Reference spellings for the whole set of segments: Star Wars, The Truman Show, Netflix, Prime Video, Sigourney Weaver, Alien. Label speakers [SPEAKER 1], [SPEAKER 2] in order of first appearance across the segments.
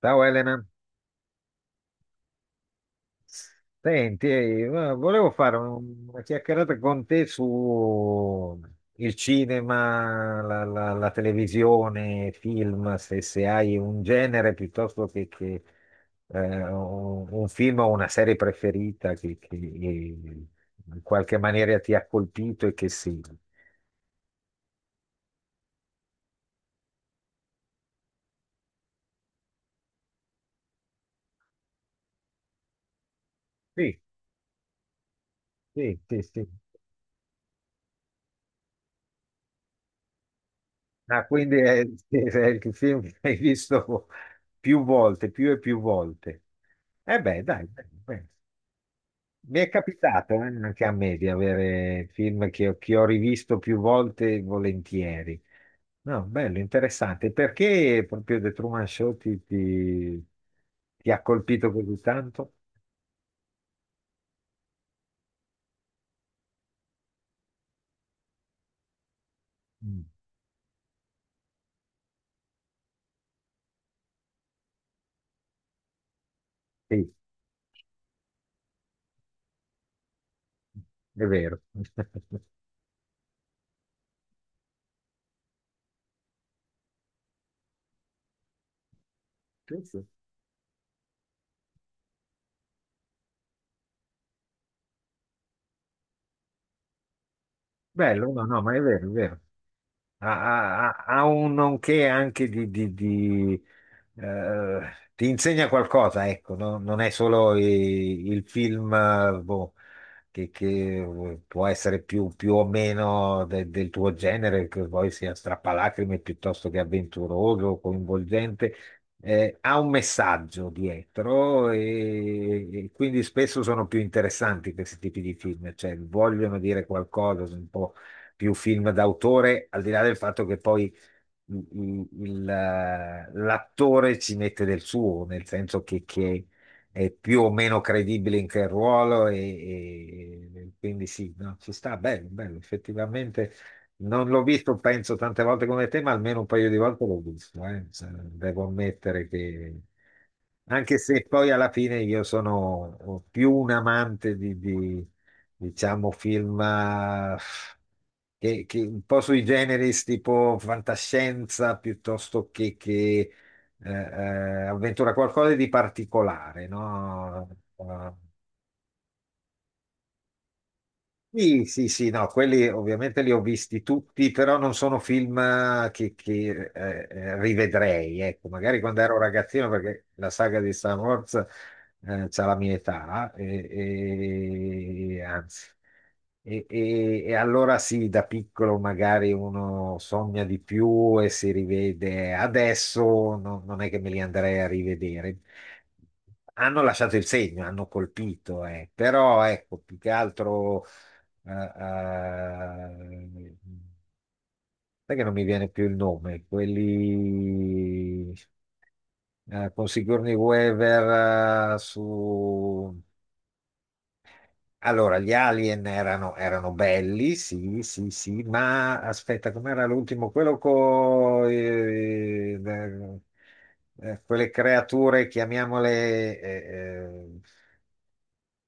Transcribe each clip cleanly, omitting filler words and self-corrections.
[SPEAKER 1] Ciao Elena, senti, volevo fare una chiacchierata con te su il cinema, la televisione, film, se hai un genere piuttosto che un film o una serie preferita che in qualche maniera ti ha colpito e che sì. Sì, sì, sì, sì. Ah, quindi è il film che hai visto più volte, più e più volte. Eh beh, dai, beh, beh. Mi è capitato anche a me di avere film che ho rivisto più volte e volentieri. No, bello, interessante. Perché proprio The Truman Show ti, ti ha colpito così tanto? Mm. Sì, è vero. Penso. Bello, no, no, ma è vero, è vero. Ha un nonché anche di, eh, ti insegna qualcosa, ecco, no? Non è solo il film, boh, che può essere più o meno del tuo genere, che poi sia strappalacrime piuttosto che avventuroso, coinvolgente. Ha un messaggio dietro e quindi spesso sono più interessanti questi tipi di film, cioè vogliono dire qualcosa, sono un po' più film d'autore, al di là del fatto che poi l'attore ci mette del suo, nel senso che è più o meno credibile in che ruolo e quindi sì, no, ci sta, bello, bello, effettivamente. Non l'ho visto, penso tante volte come te, ma almeno un paio di volte l'ho visto. Cioè, devo ammettere che, anche se poi alla fine io sono più un amante di, diciamo, film che un po' sui generis, tipo fantascienza piuttosto che, avventura, qualcosa di particolare, no? Eh, sì, sì, sì, no, quelli ovviamente li ho visti tutti, però non sono film rivedrei, ecco, magari quando ero ragazzino, perché la saga di Star Wars c'ha la mia età, anzi, e allora sì, da piccolo magari uno sogna di più e si rivede, adesso non è che me li andrei a rivedere. Hanno lasciato il segno, hanno colpito. Però ecco, più che altro eh, eh, sai che non mi viene più il nome, quelli con Sigourney Weaver. Allora, gli Alien erano belli, sì, sì, sì, ma aspetta, com'era l'ultimo? Quello con quelle creature, chiamiamole,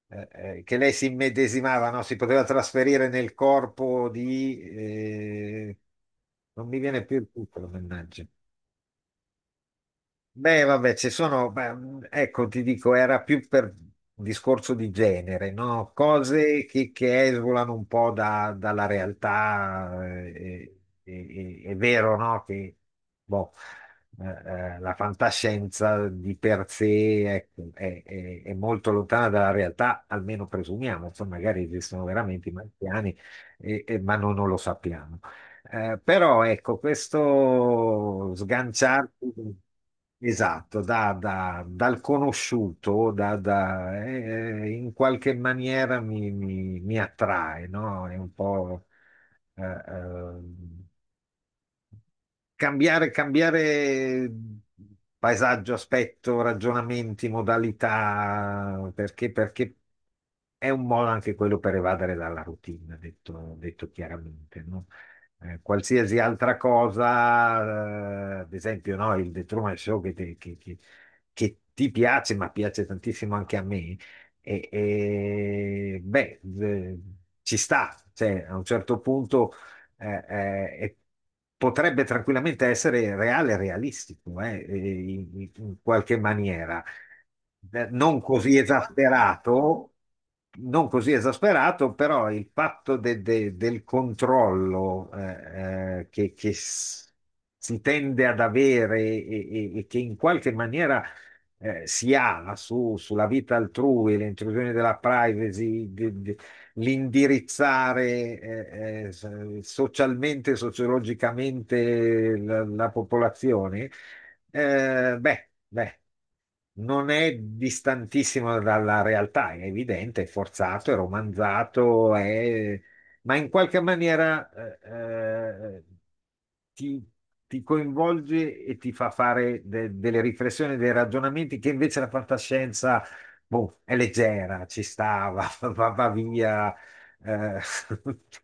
[SPEAKER 1] eh, che lei si immedesimava, no? Si poteva trasferire nel corpo di, non mi viene più il titolo, mannaggia. Beh, vabbè, ci sono, beh, ecco, ti dico, era più per discorso di genere, no? Cose che esulano un po' dalla realtà. È vero, no? Che boh, eh, la fantascienza di per sé, ecco, è molto lontana dalla realtà, almeno presumiamo, poi magari esistono veramente i marziani, ma noi non lo sappiamo. Però ecco, questo sganciarti. Esatto, dal conosciuto, in qualche maniera mi attrae, no? È un po' eh, eh, cambiare, cambiare paesaggio, aspetto, ragionamenti, modalità, perché è un modo anche quello per evadere dalla routine, detto, detto chiaramente, no? Qualsiasi altra cosa, ad esempio, no, il The Truman Show che, te- che ti piace, ma piace tantissimo anche a me, beh, ci sta, cioè, a un certo punto e potrebbe tranquillamente essere reale e realistico, in qualche maniera. Non così esasperato, non così esasperato, però il fatto del controllo si tende ad avere e che in qualche maniera si ha sulla vita altrui, l'intrusione della privacy, l'indirizzare socialmente, sociologicamente la popolazione, beh, beh, non è distantissimo dalla realtà, è evidente, è forzato, è romanzato, ma in qualche maniera eh, eh, ti, ti coinvolge e ti fa fare delle riflessioni, dei ragionamenti che invece la fantascienza boh, è leggera, ci stava, va via. eh,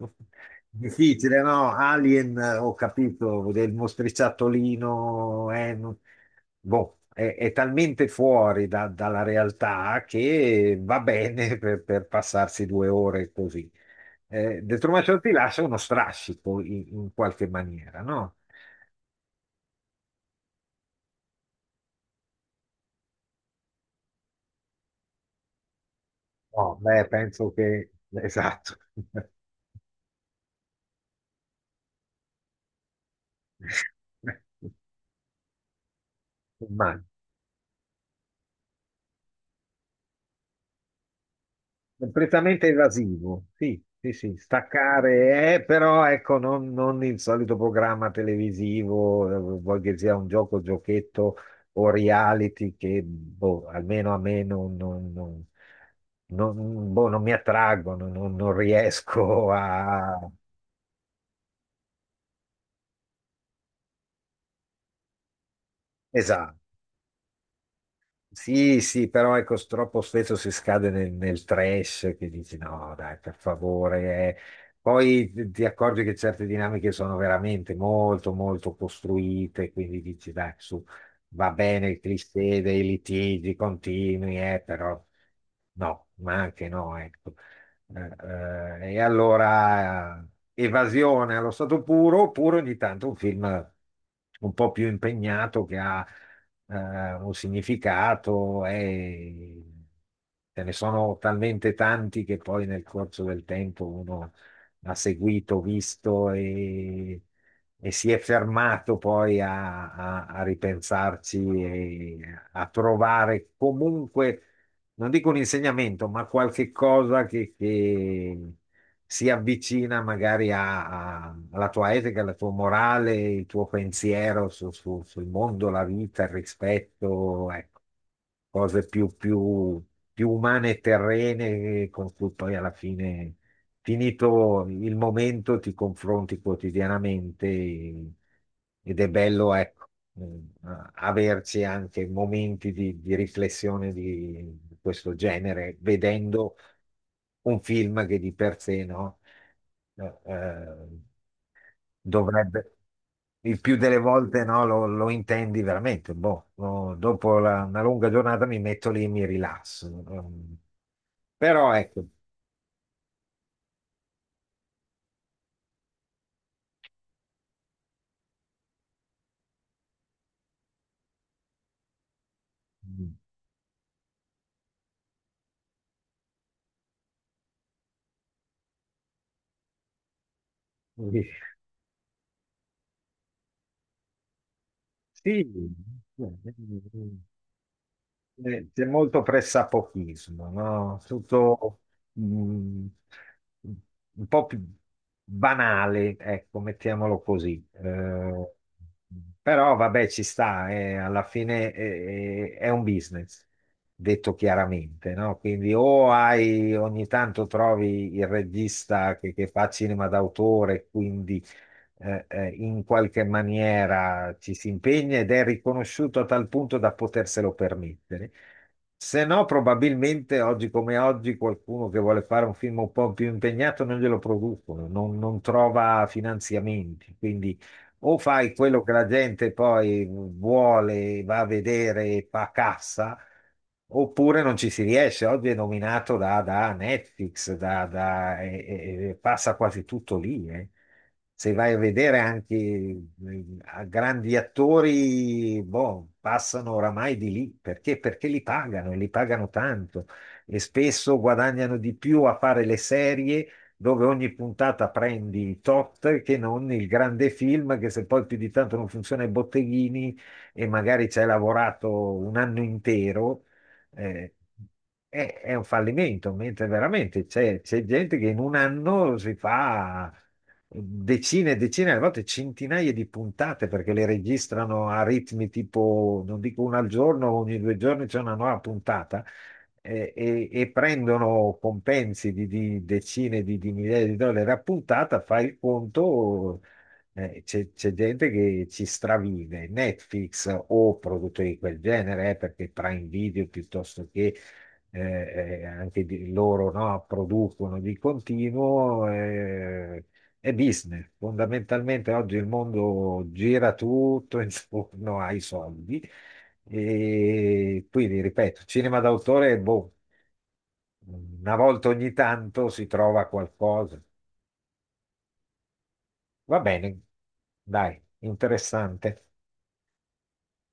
[SPEAKER 1] difficile, no? Alien, ho capito, del mostriciattolino, boh, è talmente fuori dalla realtà che va bene per, passarsi 2 ore così. The Truman Show ti lascia uno strascico in qualche maniera, no? No, beh, penso che. Esatto. Immagino. Completamente evasivo, sì, sì, sì, staccare, però ecco, non il solito programma televisivo, vuoi che sia un gioco, giochetto o reality che, boh, almeno a me non, boh, non mi attraggono, non riesco a. Esatto. Sì, sì, però ecco, troppo spesso si scade nel trash che dici no, dai, per favore. Poi ti accorgi che certe dinamiche sono veramente molto, molto costruite, quindi dici dai, su, va bene il cliché dei litigi continui, però no, ma anche no, ecco. Eh, e allora evasione allo stato puro, oppure ogni tanto un film un po' più impegnato che ha un significato e ce ne sono talmente tanti che poi nel corso del tempo uno ha seguito, visto e si è fermato poi a, a ripensarci e a trovare comunque non dico un insegnamento, ma qualche cosa che si avvicina magari alla tua etica, alla tua morale, il tuo pensiero sul mondo, la vita, il rispetto, ecco, cose più, più umane e terrene con cui poi alla fine, finito il momento, ti confronti quotidianamente ed è bello, ecco. Mh, a- averci anche momenti di riflessione di questo genere, vedendo un film che di per sé, no? Eh, eh, dovrebbe, il più delle volte, no, lo intendi veramente. Boh, no, dopo una lunga giornata mi metto lì e mi rilasso. Però ecco, mm, sì, sì, sì, sì, sì. C'è molto pressapochismo, no? Tutto mm, un po' più banale, ecco, mettiamolo così. Però vabbè, ci sta, alla fine è un business, detto chiaramente, no? Quindi o hai, ogni tanto trovi il regista che fa cinema d'autore, quindi in qualche maniera ci si impegna ed è riconosciuto a tal punto da poterselo permettere. Se no, probabilmente oggi come oggi qualcuno che vuole fare un film un po' più impegnato non glielo producono, non trova finanziamenti. Quindi o fai quello che la gente poi vuole, va a vedere e fa cassa. Oppure non ci si riesce, oggi è nominato da Netflix, e passa quasi tutto lì. Se vai a vedere anche a grandi attori, boh, passano oramai di lì perché? Perché li pagano e li pagano tanto e spesso guadagnano di più a fare le serie dove ogni puntata prendi tot che non il grande film che se poi più di tanto non funziona ai botteghini e magari ci hai lavorato un anno intero eh, è un fallimento, mentre veramente c'è gente che in un anno si fa decine e decine, a volte centinaia di puntate perché le registrano a ritmi tipo, non dico una al giorno, ogni 2 giorni c'è una nuova puntata e prendono compensi di decine di migliaia di dollari a puntata, fai il conto, c'è gente che ci stravive, Netflix o produttori di quel genere, perché Prime Video piuttosto che eh, loro no, producono di continuo, è business. Fondamentalmente oggi il mondo gira tutto intorno ai soldi. E quindi, ripeto, cinema d'autore, boh, una volta ogni tanto si trova qualcosa. Va bene, dai, interessante.